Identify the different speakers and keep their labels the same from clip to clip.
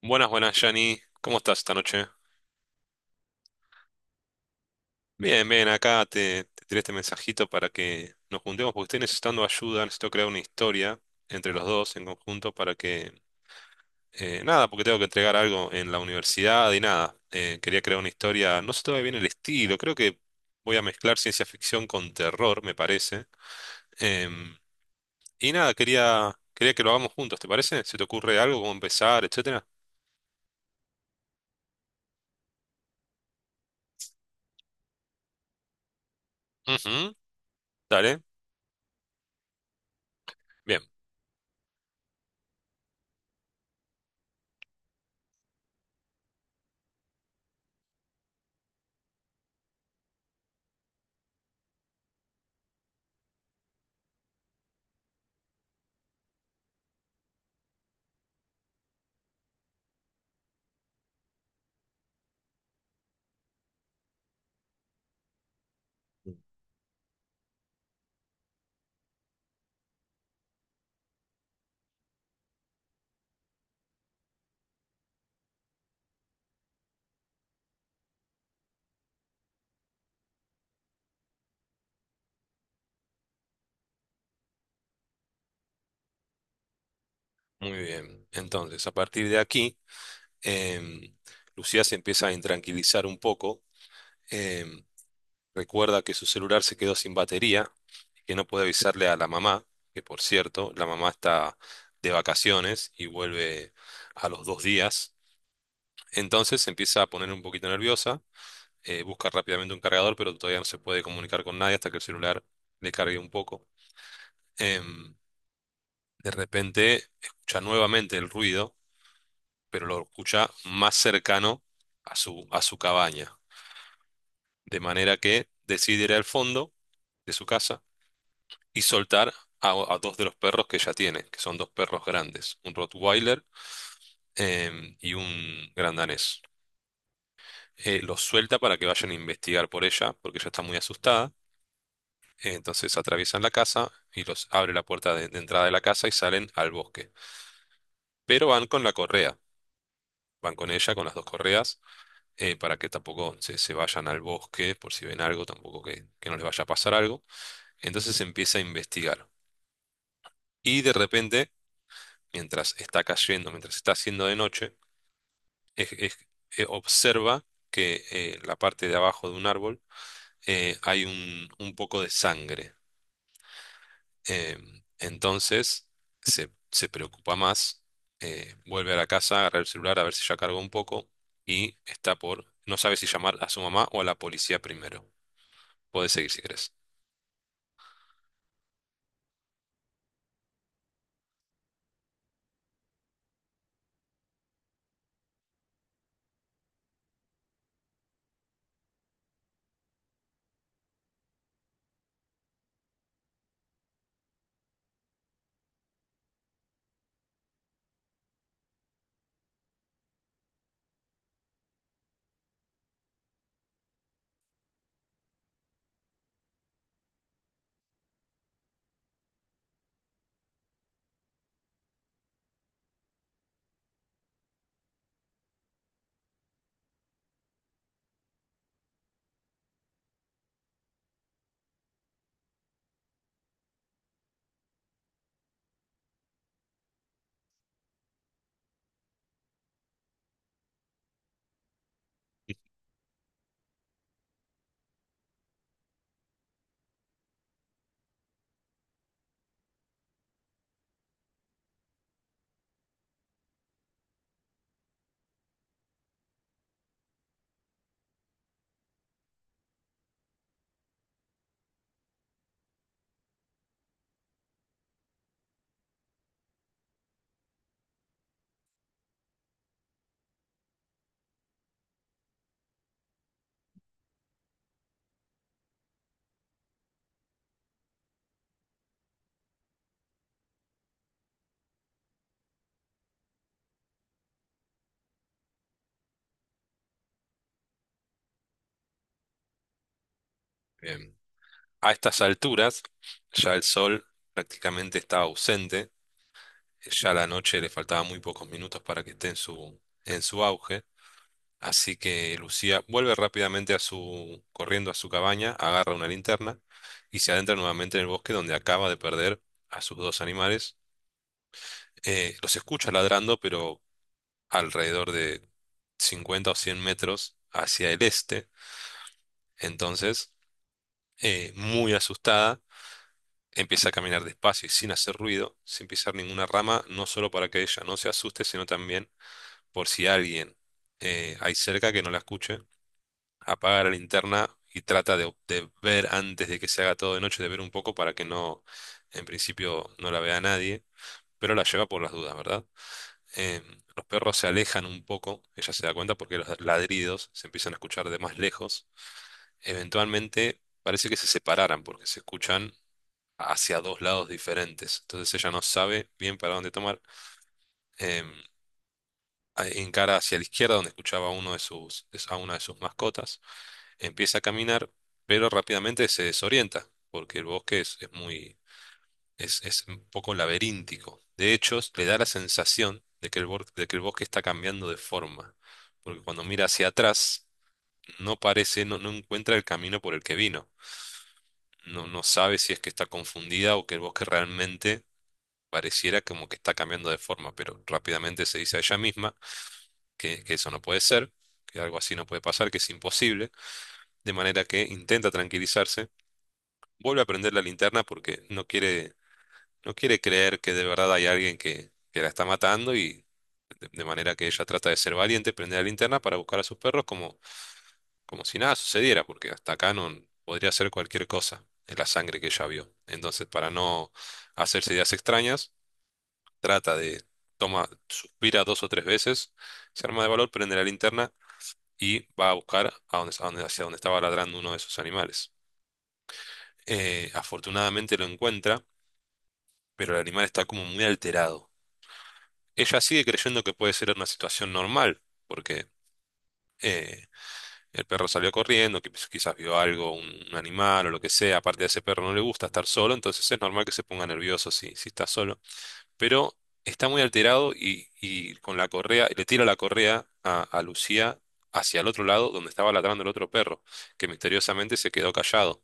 Speaker 1: Buenas, buenas, Yanni. ¿Cómo estás esta noche? Bien, bien, acá te tiré este mensajito para que nos juntemos porque estoy necesitando ayuda, necesito crear una historia entre los dos en conjunto para que... nada, porque tengo que entregar algo en la universidad y nada. Quería crear una historia, no sé todavía bien el estilo, creo que voy a mezclar ciencia ficción con terror, me parece. Em, y nada, quería que lo hagamos juntos, ¿te parece? ¿Se te ocurre algo, cómo empezar, etcétera? Ujú, dale. Bien, muy bien. Entonces, a partir de aquí... Em, Lucía se empieza a intranquilizar un poco. em, recuerda que su celular se quedó sin batería y que no puede avisarle a la mamá, que por cierto, la mamá está de vacaciones y vuelve a los dos días. Entonces se empieza a poner un poquito nerviosa, busca rápidamente un cargador, pero todavía no se puede comunicar con nadie hasta que el celular le cargue un poco. Em, de repente escucha nuevamente el ruido, pero lo escucha más cercano a a su cabaña. De manera que decide ir al fondo de su casa y soltar a dos de los perros que ya tiene, que son dos perros grandes, un Rottweiler y un gran danés. Los suelta para que vayan a investigar por ella, porque ella está muy asustada. Entonces atraviesan la casa y los abre la puerta de entrada de la casa y salen al bosque. Pero van con la correa, van con ella, con las dos correas, para que tampoco se vayan al bosque, por si ven algo, tampoco que no les vaya a pasar algo. Entonces empieza a investigar. Y de repente, mientras está cayendo, mientras está haciendo de noche, es- es- observa que en la parte de abajo de un árbol hay un poco de sangre. Entonces se preocupa más, vuelve a la casa, agarra el celular a ver si ya cargó un poco y está por, no sabe si llamar a su mamá o a la policía primero. Puedes seguir si querés. Em, a estas alturas, ya el sol prácticamente está ausente. Ya a la noche le faltaban muy pocos minutos para que esté en su auge, así que Lucía vuelve rápidamente a su, corriendo a su cabaña, agarra una linterna y se adentra nuevamente en el bosque donde acaba de perder a sus dos animales. Los escucha ladrando, pero alrededor de 50 o 100 metros hacia el este. Entonces, muy asustada, empieza a caminar despacio y sin hacer ruido, sin pisar ninguna rama, no solo para que ella no se asuste, sino también por si alguien hay cerca que no la escuche, apaga la linterna y trata de ver antes de que se haga todo de noche, de ver un poco para que no, en principio, no la vea nadie, pero la lleva por las dudas, ¿verdad? Em, los perros se alejan un poco, ella se da cuenta porque los ladridos se empiezan a escuchar de más lejos. Eventualmente parece que se separaran porque se escuchan hacia dos lados diferentes, entonces ella no sabe bien para dónde tomar. Em, encara hacia la izquierda donde escuchaba a uno de a una de sus mascotas, empieza a caminar, pero rápidamente se desorienta, porque el bosque es muy, es un poco laberíntico. De hecho, le da la sensación de que de que el bosque está cambiando de forma, porque cuando mira hacia atrás, no encuentra el camino por el que vino. No sabe si es que está confundida o que el bosque realmente pareciera como que está cambiando de forma, pero rápidamente se dice a ella misma que eso no puede ser, que algo así no puede pasar, que es imposible, de manera que intenta tranquilizarse, vuelve a prender la linterna porque no quiere, no quiere creer que de verdad hay alguien que la está matando y de manera que ella trata de ser valiente, prende la linterna para buscar a sus perros como, como si nada sucediera, porque hasta acá no podría ser cualquier cosa en la sangre que ella vio. Entonces, para no hacerse ideas extrañas, trata de, toma, suspira dos o tres veces, se arma de valor, prende la linterna y va a buscar a hacia donde estaba ladrando uno de esos animales. Afortunadamente lo encuentra, pero el animal está como muy alterado. Ella sigue creyendo que puede ser una situación normal, porque eh, el perro salió corriendo, que pues quizás vio algo, un animal o lo que sea. Aparte a ese perro no le gusta estar solo, entonces es normal que se ponga nervioso si está solo. Pero está muy alterado y con la correa, le tira la correa a Lucía hacia el otro lado donde estaba ladrando el otro perro, que misteriosamente se quedó callado.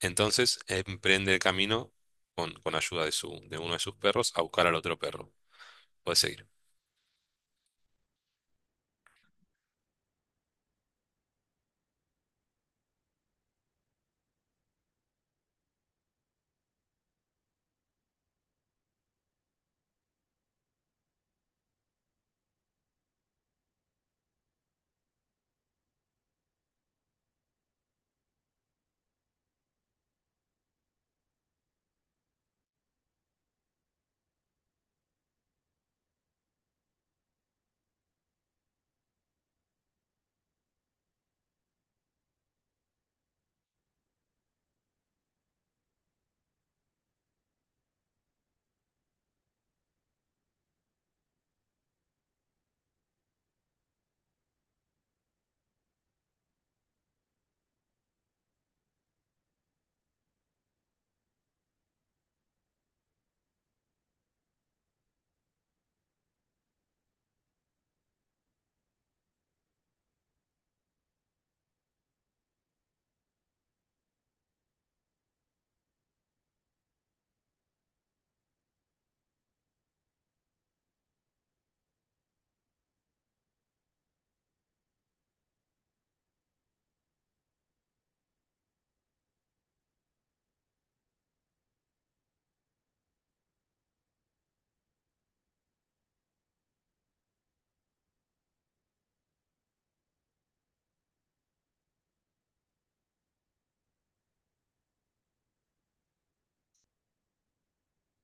Speaker 1: Entonces emprende el camino con ayuda de uno de sus perros a buscar al otro perro. Puedes seguir.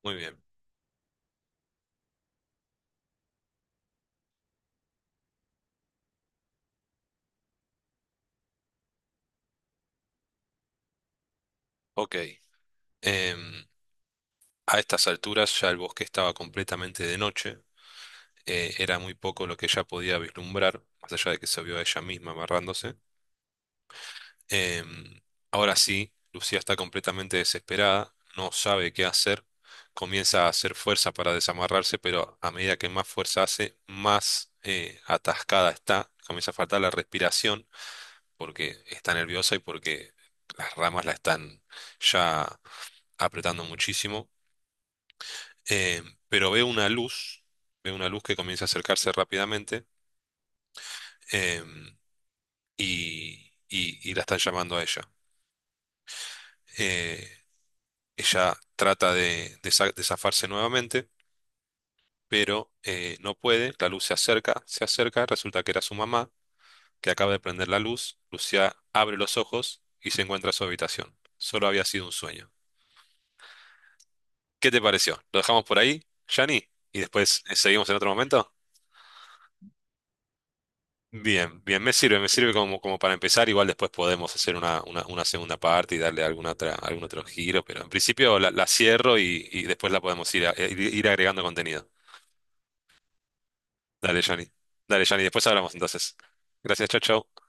Speaker 1: Muy bien. Ok. Em, a estas alturas ya el bosque estaba completamente de noche. Era muy poco lo que ella podía vislumbrar, más allá de que se vio a ella misma amarrándose. Em, ahora sí, Lucía está completamente desesperada, no sabe qué hacer. Comienza a hacer fuerza para desamarrarse, pero a medida que más fuerza hace, más atascada está. Comienza a faltar la respiración porque está nerviosa y porque las ramas la están ya apretando muchísimo. Eh, pero ve una luz que comienza a acercarse rápidamente, eh, y la están llamando a ella. Eh, ella trata de zafarse nuevamente, pero no puede. La luz se acerca, resulta que era su mamá que acaba de prender la luz. Lucia abre los ojos y se encuentra en su habitación. Solo había sido un sueño. ¿Qué te pareció? ¿Lo dejamos por ahí, Yanni? ¿Y después seguimos en otro momento? Bien, bien, me sirve como, como para empezar. Igual después podemos hacer una segunda parte y darle alguna otra, algún otro giro, pero en principio la cierro y después la podemos ir, ir agregando contenido. Dale, Yanni. Dale, Yanni, después hablamos entonces. Gracias, chau, chau.